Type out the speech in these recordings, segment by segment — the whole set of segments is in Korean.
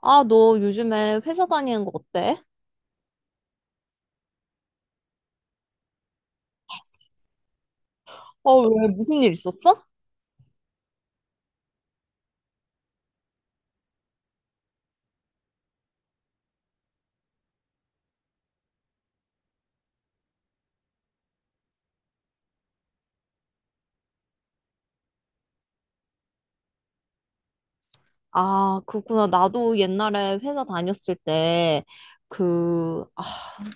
아, 너 요즘에 회사 다니는 거 어때? 어, 왜 무슨 일 있었어? 아, 그렇구나. 나도 옛날에 회사 다녔을 때, 그, 아,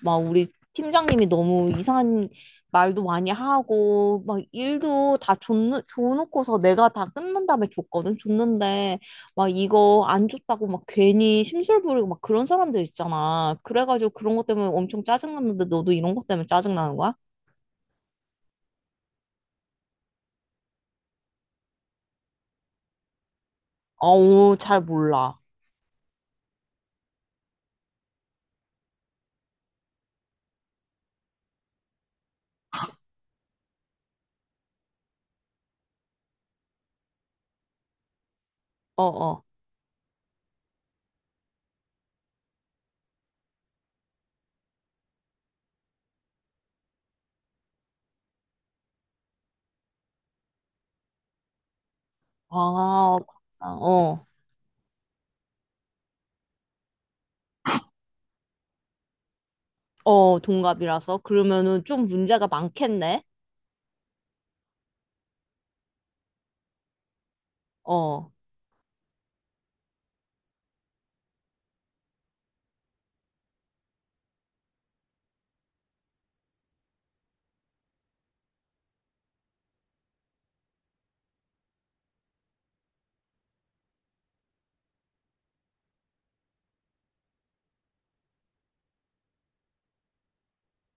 막 우리 팀장님이 너무 이상한 말도 많이 하고, 막 줘놓고서 내가 다 끝난 다음에 줬거든. 줬는데, 막 이거 안 줬다고 막 괜히 심술 부리고 막 그런 사람들 있잖아. 그래가지고 그런 것 때문에 엄청 짜증났는데 너도 이런 것 때문에 짜증나는 거야? 어우, 잘 몰라. 어어. 아, 그렇구나. 어, 어, 동갑이라서. 그러면은 좀 문제가 많겠네. 어.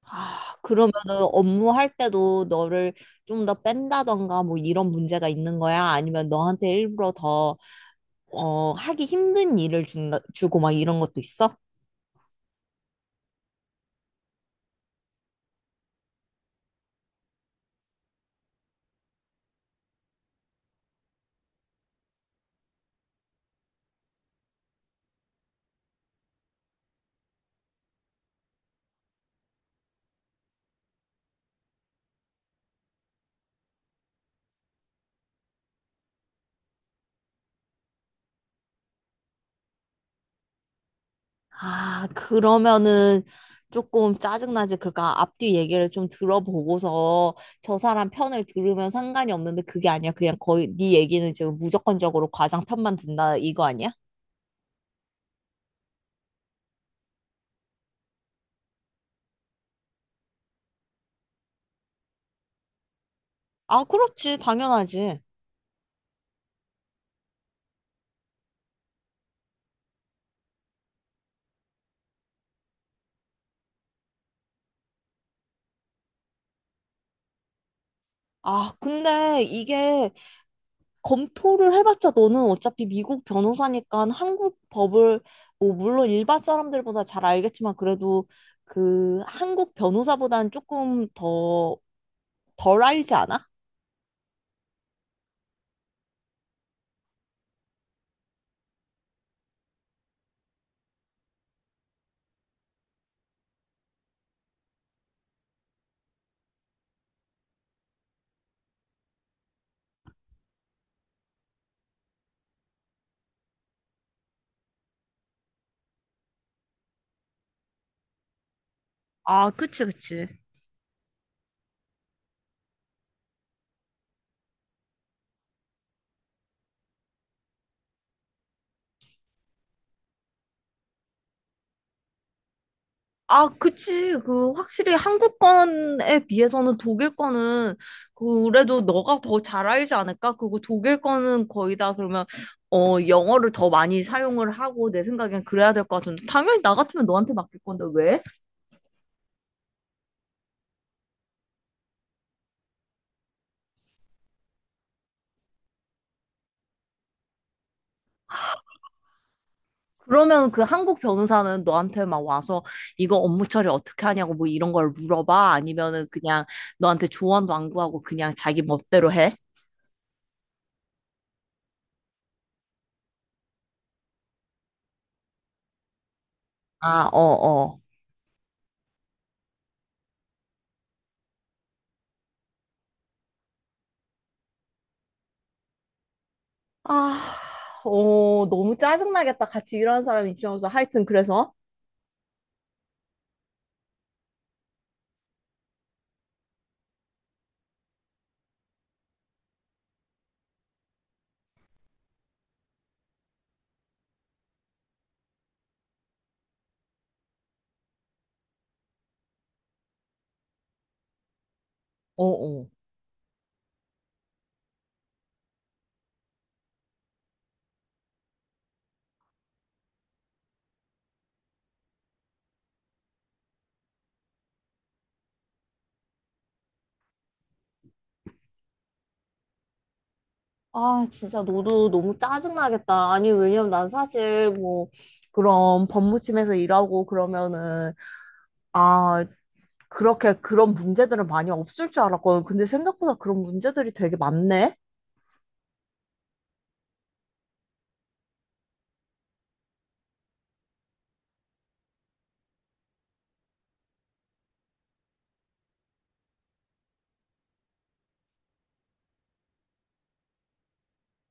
아, 그러면은 업무할 때도 너를 좀 더 뺀다던가 뭐 이런 문제가 있는 거야? 아니면 너한테 일부러 더 어, 하기 힘든 주고 막 이런 것도 있어? 아, 그러면은 조금 짜증나지. 그러니까 앞뒤 얘기를 좀 들어보고서 저 사람 편을 들으면 상관이 없는데 그게 아니야. 그냥 거의 네 얘기는 지금 무조건적으로 과장 편만 든다 이거 아니야? 아, 그렇지. 당연하지. 아, 근데 이게 검토를 해봤자 너는 어차피 미국 변호사니까 한국 법을, 뭐, 물론 일반 사람들보다 잘 알겠지만 그래도 그 한국 변호사보다는 조금 더 덜 알지 않아? 아, 그치, 그치. 아, 그치. 그, 확실히 한국 건에 비해서는 독일 거는 그래도 너가 더 잘 알지 않을까? 그리고 독일 거는 거의 다 그러면, 어, 영어를 더 많이 사용을 하고 내 생각엔 그래야 될 것 같은데. 당연히 나 같으면 너한테 맡길 건데, 왜? 그러면 그 한국 변호사는 너한테 막 와서 이거 업무 처리 어떻게 하냐고 뭐 이런 걸 물어봐? 아니면은 그냥 너한테 조언도 안 구하고 그냥 자기 멋대로 해? 아, 어, 어. 아, 어, 너무 짜증나겠다. 같이 일하는 사람 입장에서. 하여튼, 그래서. 어, 어. 아, 진짜 너도 너무 짜증나겠다. 아니, 왜냐면 난 사실 뭐, 그런 법무팀에서 일하고 그러면은, 아, 그렇게 그런 문제들은 많이 없을 줄 알았거든. 근데 생각보다 그런 문제들이 되게 많네?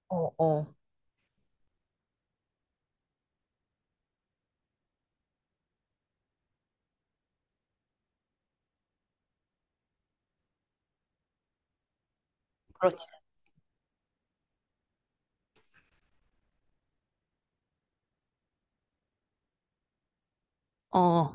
어, 어. 그렇지. 어.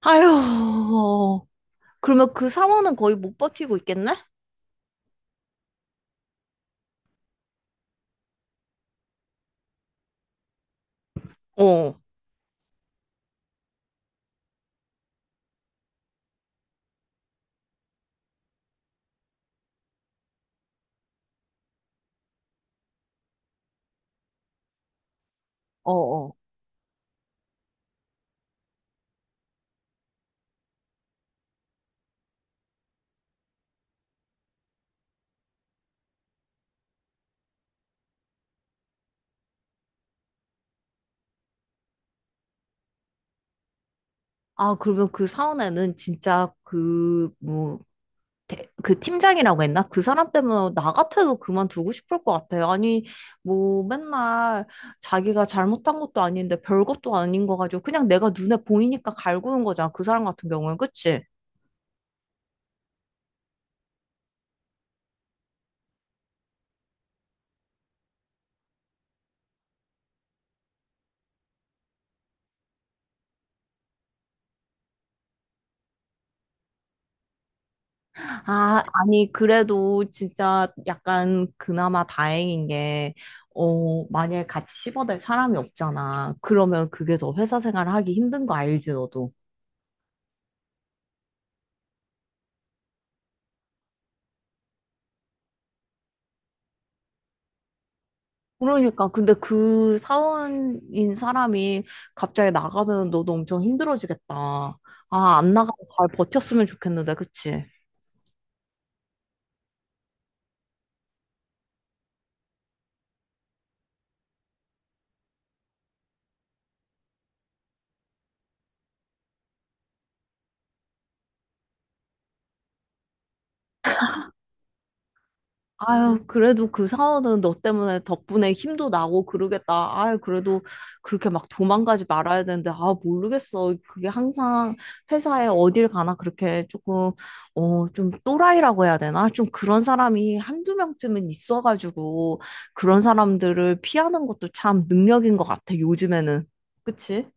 아휴. 그러면 그 사원은 거의 못 버티고 있겠네? 어, 어, 어. 아, 그러면 그 사원에는 진짜 그, 뭐, 대- 그 팀장이라고 했나? 그 사람 때문에 나 같아도 그만두고 싶을 것 같아요. 아니, 뭐 맨날 자기가 잘못한 것도 아닌데 별것도 아닌 거 가지고 그냥 내가 눈에 보이니까 갈구는 거잖아. 그 사람 같은 경우는 그치? 아, 아니 그래도 진짜 약간 그나마 다행인 게 어, 만약에 같이 씹어댈 사람이 없잖아. 그러면 그게 더 회사 생활 하기 힘든 거 알지, 너도? 그러니까 근데 그 사원인 사람이 갑자기 나가면 너도 엄청 힘들어지겠다. 아, 안 나가고 잘 버텼으면 좋겠는데, 그치? 아유, 그래도 그 사원은 너 때문에 덕분에 힘도 나고 그러겠다. 아유, 그래도 그렇게 막 도망가지 말아야 되는데, 아, 모르겠어. 그게 항상 회사에 어딜 가나 그렇게 조금, 어, 좀 또라이라고 해야 되나? 좀 그런 사람이 한두 명쯤은 있어가지고, 그런 사람들을 피하는 것도 참 능력인 것 같아, 요즘에는. 그치?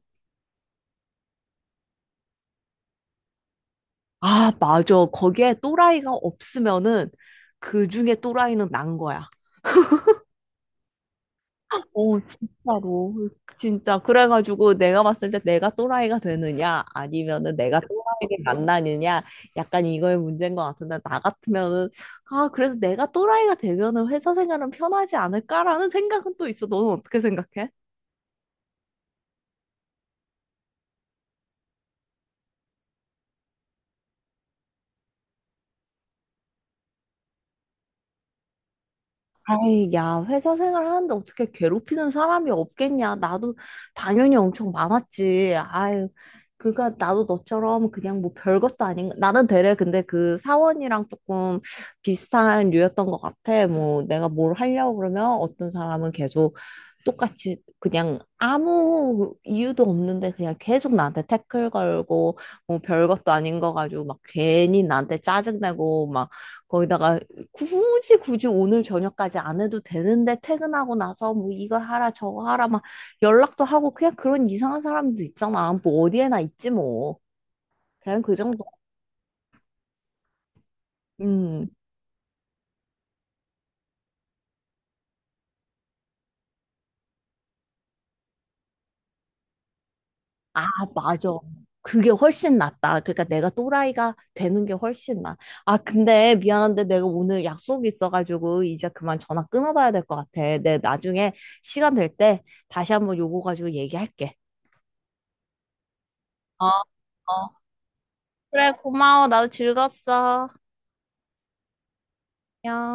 아, 맞아. 거기에 또라이가 없으면은, 그 중에 또라이는 난 거야. 오 진짜로. 진짜. 그래가지고 내가 봤을 때 내가 또라이가 되느냐, 아니면은 내가 또라이를 만나느냐, 약간 이거의 문제인 것 같은데, 나 같으면은, 아, 그래서 내가 또라이가 되면은 회사 생활은 편하지 않을까라는 생각은 또 있어. 너는 어떻게 생각해? 아이, 야, 회사 생활하는데 어떻게 괴롭히는 사람이 없겠냐. 나도 당연히 엄청 많았지. 아유, 그러니까 나도 너처럼 그냥 뭐 별것도 아닌, 나는 되레 근데 그 사원이랑 조금 비슷한 류였던 것 같아. 뭐 내가 뭘 하려고 그러면 어떤 사람은 계속 똑같이 그냥 아무 이유도 없는데 그냥 계속 나한테 태클 걸고 뭐 별것도 아닌 거 가지고 막 괜히 나한테 짜증내고 막 거기다가 굳이 오늘 저녁까지 안 해도 되는데 퇴근하고 나서 뭐 이거 하라 저거 하라 막 연락도 하고 그냥 그런 이상한 사람들 있잖아. 뭐 어디에나 있지 뭐. 그냥 그 정도. 음. 아, 맞아. 그게 훨씬 낫다. 그러니까 내가 또라이가 되는 게 훨씬 나. 아, 근데 미안한데 내가 오늘 약속이 있어가지고 이제 그만 전화 끊어봐야 될 것 같아. 내 나중에 시간 될 때 다시 한번 요거 가지고 얘기할게. 어, 어. 그래, 고마워. 나도 즐거웠어. 안녕.